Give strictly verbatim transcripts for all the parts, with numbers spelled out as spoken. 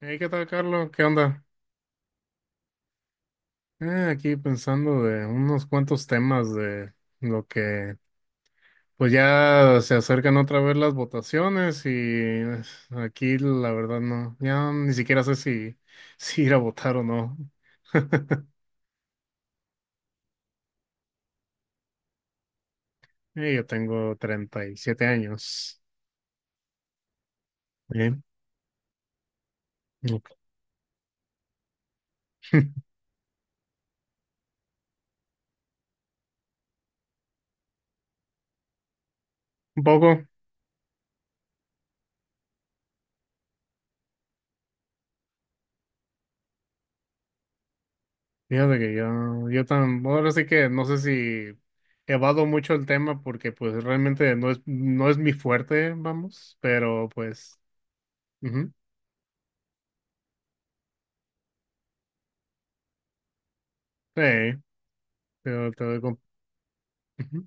Hey, ¿qué tal, Carlos? ¿Qué onda? Eh, aquí pensando de unos cuantos temas de lo que, pues ya se acercan otra vez las votaciones. Y eh, aquí la verdad no, ya ni siquiera sé si, si ir a votar o no. Eh, yo tengo treinta y siete años. Bien. Ok. Un poco. Fíjate que yo, yo tan, ahora sí que no sé si evado mucho el tema porque pues realmente no es, no es mi fuerte, vamos, pero pues... Sí, pero te doy com- Ujú.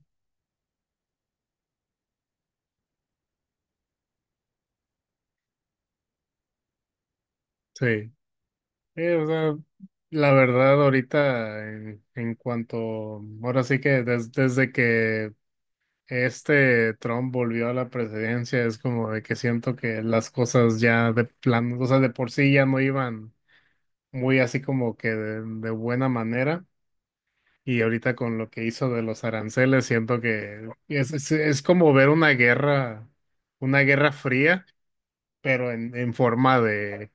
Sí, Eh, o sea, la verdad ahorita en, en cuanto, ahora sí que des- desde que este Trump volvió a la presidencia es como de que siento que las cosas ya de plano, o sea, de por sí ya no iban muy así como que de, de buena manera. Y ahorita con lo que hizo de los aranceles siento que es, es, es como ver una guerra, una guerra fría, pero en, en forma de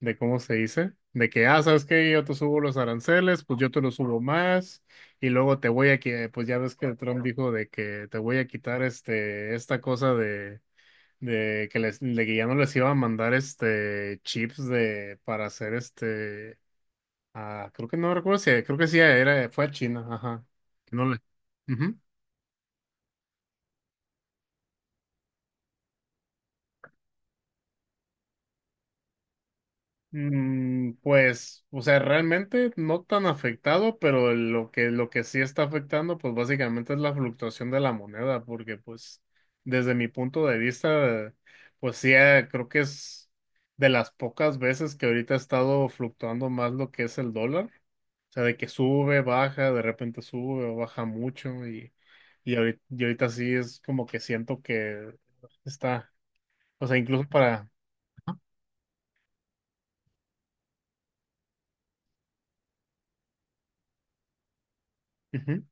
de cómo se dice, de que, ah, sabes que yo te subo los aranceles, pues yo te los subo más. Y luego te voy a quitar, pues ya ves que Trump dijo de que te voy a quitar este, esta cosa de, de que les, de que ya no les iba a mandar este chips de, para hacer este, ah, creo que no recuerdo si, creo que sí era, fue a China, ajá, que no le. Ujú. Mm, pues, o sea, realmente no tan afectado, pero lo que, lo que sí está afectando, pues básicamente es la fluctuación de la moneda, porque pues desde mi punto de vista, pues sí, eh, creo que es de las pocas veces que ahorita ha estado fluctuando más lo que es el dólar, o sea, de que sube, baja, de repente sube o baja mucho y, y ahorita, y ahorita sí es como que siento que está, o sea, incluso para... Ujú.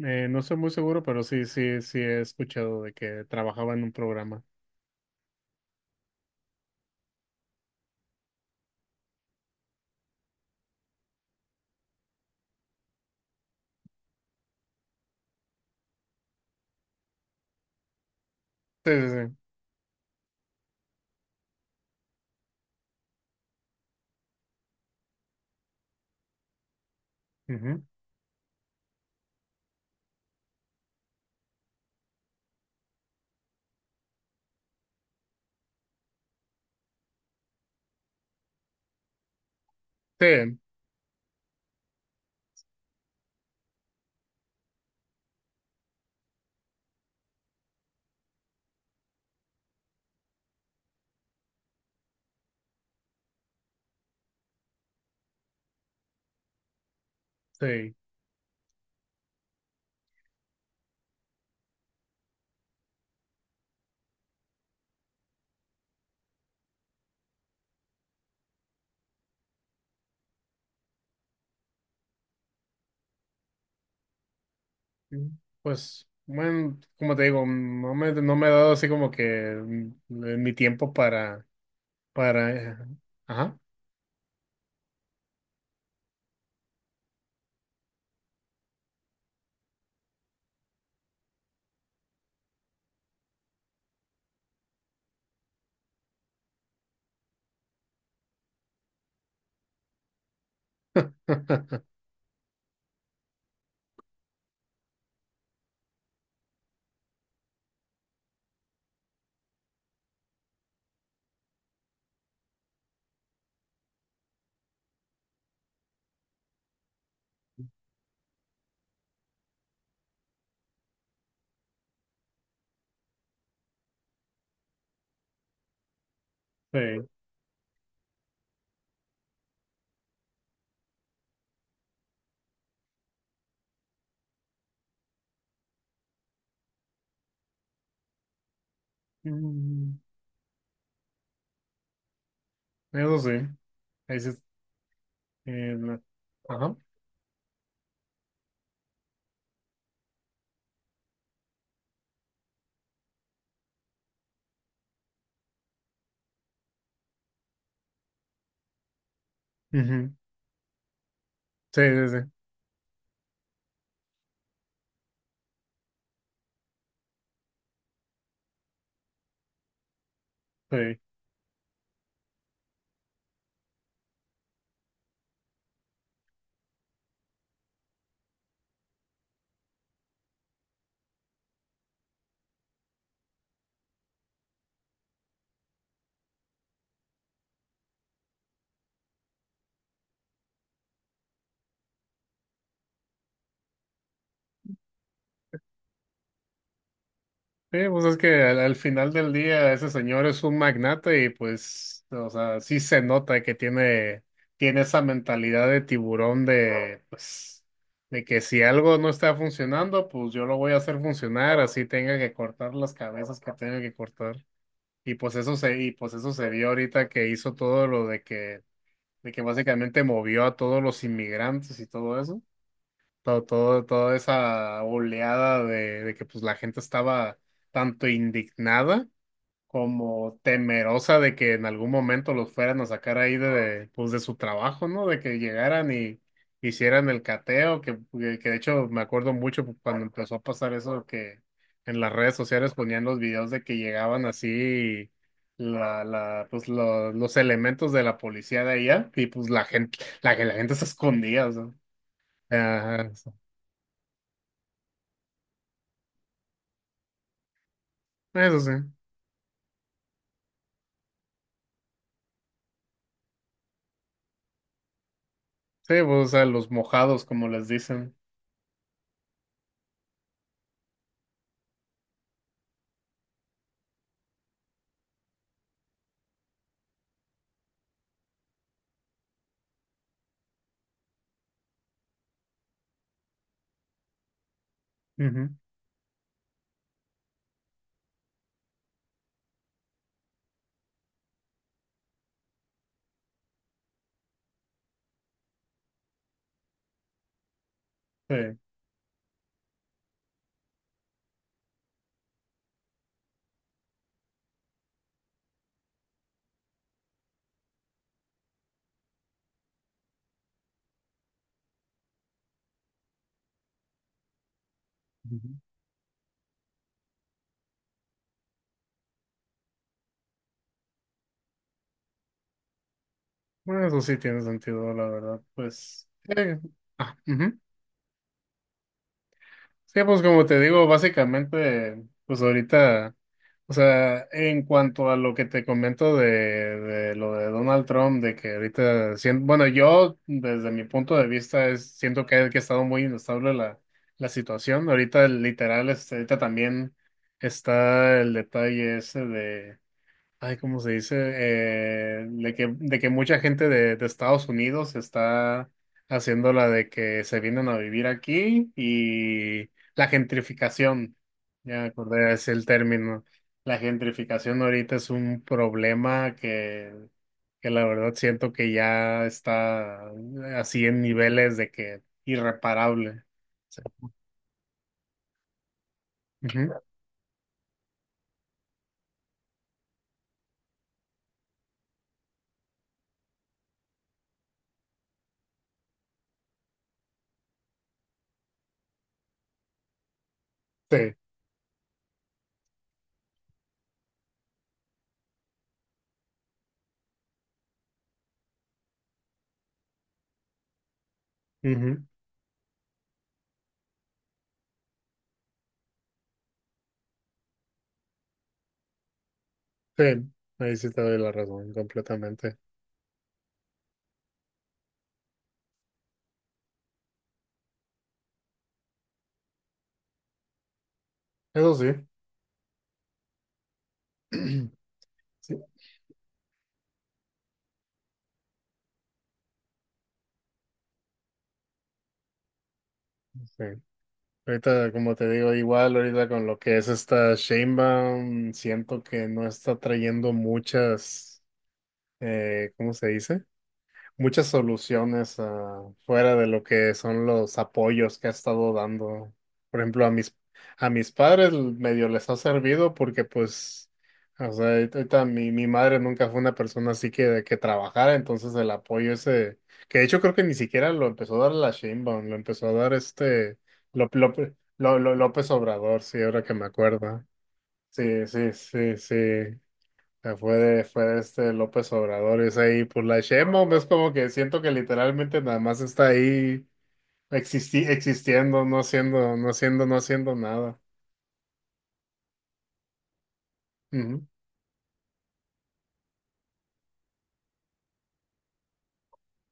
Eh, no estoy muy seguro, pero sí, sí, sí he escuchado de que trabajaba en un programa. Sí, sí, sí. Ujú. Sí, sí. Mm. Pues, bueno, como te digo, no me, no me he dado así como que mm, eh, mi tiempo para, para, eh, ajá. Sí. Mm, eso sí. Ahí sí, eh, la- ajá. Ujú. Sí, sí, sí. Sí. Sí, pues es que al, al final del día ese señor es un magnate y pues, o sea, sí se nota que tiene, tiene esa mentalidad de tiburón de, pues, de que si algo no está funcionando, pues yo lo voy a hacer funcionar, así tenga que cortar las cabezas que tenga que cortar. Y pues eso se, y pues eso se vio ahorita que hizo todo lo de que, de que básicamente movió a todos los inmigrantes y todo eso, todo, todo- toda esa oleada de, de que pues la gente estaba tanto indignada como temerosa de que en algún momento los fueran a sacar ahí de, de, pues de su trabajo, ¿no? De que llegaran y hicieran el cateo, que, que que de hecho me acuerdo mucho cuando empezó a pasar eso, que en las redes sociales ponían los videos de que llegaban así la, la, pues lo- los elementos de la policía de allá, y pues la gente, la que la gente se escondía, o sea. Ajá, eso sí. Sí, pues, o sea, los mojados, como les dicen. Ujú. Sí. Ujú. Bueno, eso sí tiene sentido, la verdad. Pues, eh, ah, ujú. Sí, pues como te digo, básicamente, pues ahorita, o sea, en cuanto a lo que te comento de, de lo de Donald Trump, de que ahorita, sien- bueno, yo desde mi punto de vista es, siento que, que ha estado muy inestable la, la situación. Ahorita, literal, este, ahorita también está el detalle ese. Ay, ¿cómo se dice? Eh, de que, de que mucha gente de, de Estados Unidos está haciendo la de que se vienen a vivir aquí, y la gentrificación, ya me acordé, es el término. La gentrificación ahorita es un problema que, que la verdad siento que ya está, eh, así en niveles de que irreparable. Sí, ujú, sí, ujú, sí. Ahí sí te doy la razón completamente. Eso sí. Sí, sí. Ahorita, como te digo, igual ahorita con lo que es esta Sheinbaum, siento que no está trayendo muchas, eh, ¿cómo se dice? Muchas soluciones, ah, fuera de lo que son los apoyos que ha estado dando. Por ejemplo, a mis, a mis padres l- medio les ha servido porque pues, o sea, ahorita ahorita mi, mi madre nunca fue una persona así que, que trabajara. Entonces el apoyo ese, que de hecho creo que ni siquiera lo empezó a dar la Sheinbaum, lo empezó a dar este Lop- Lop- Lo- Lo- López Obrador, sí, ahora que me acuerdo. Sí, sí, sí, sí sea, fue de, fue de este López Obrador, y es ahí, pues la Sheinbaum es como que siento que literalmente nada más está ahí existi- existiendo, no haciendo, no haciendo, no haciendo nada. Ujú,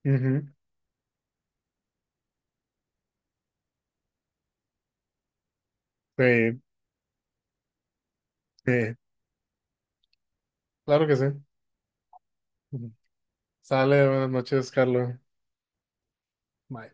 ujú. Sí, sí, claro que sí. Ujú. Sale, buenas noches, Carlos. Bye.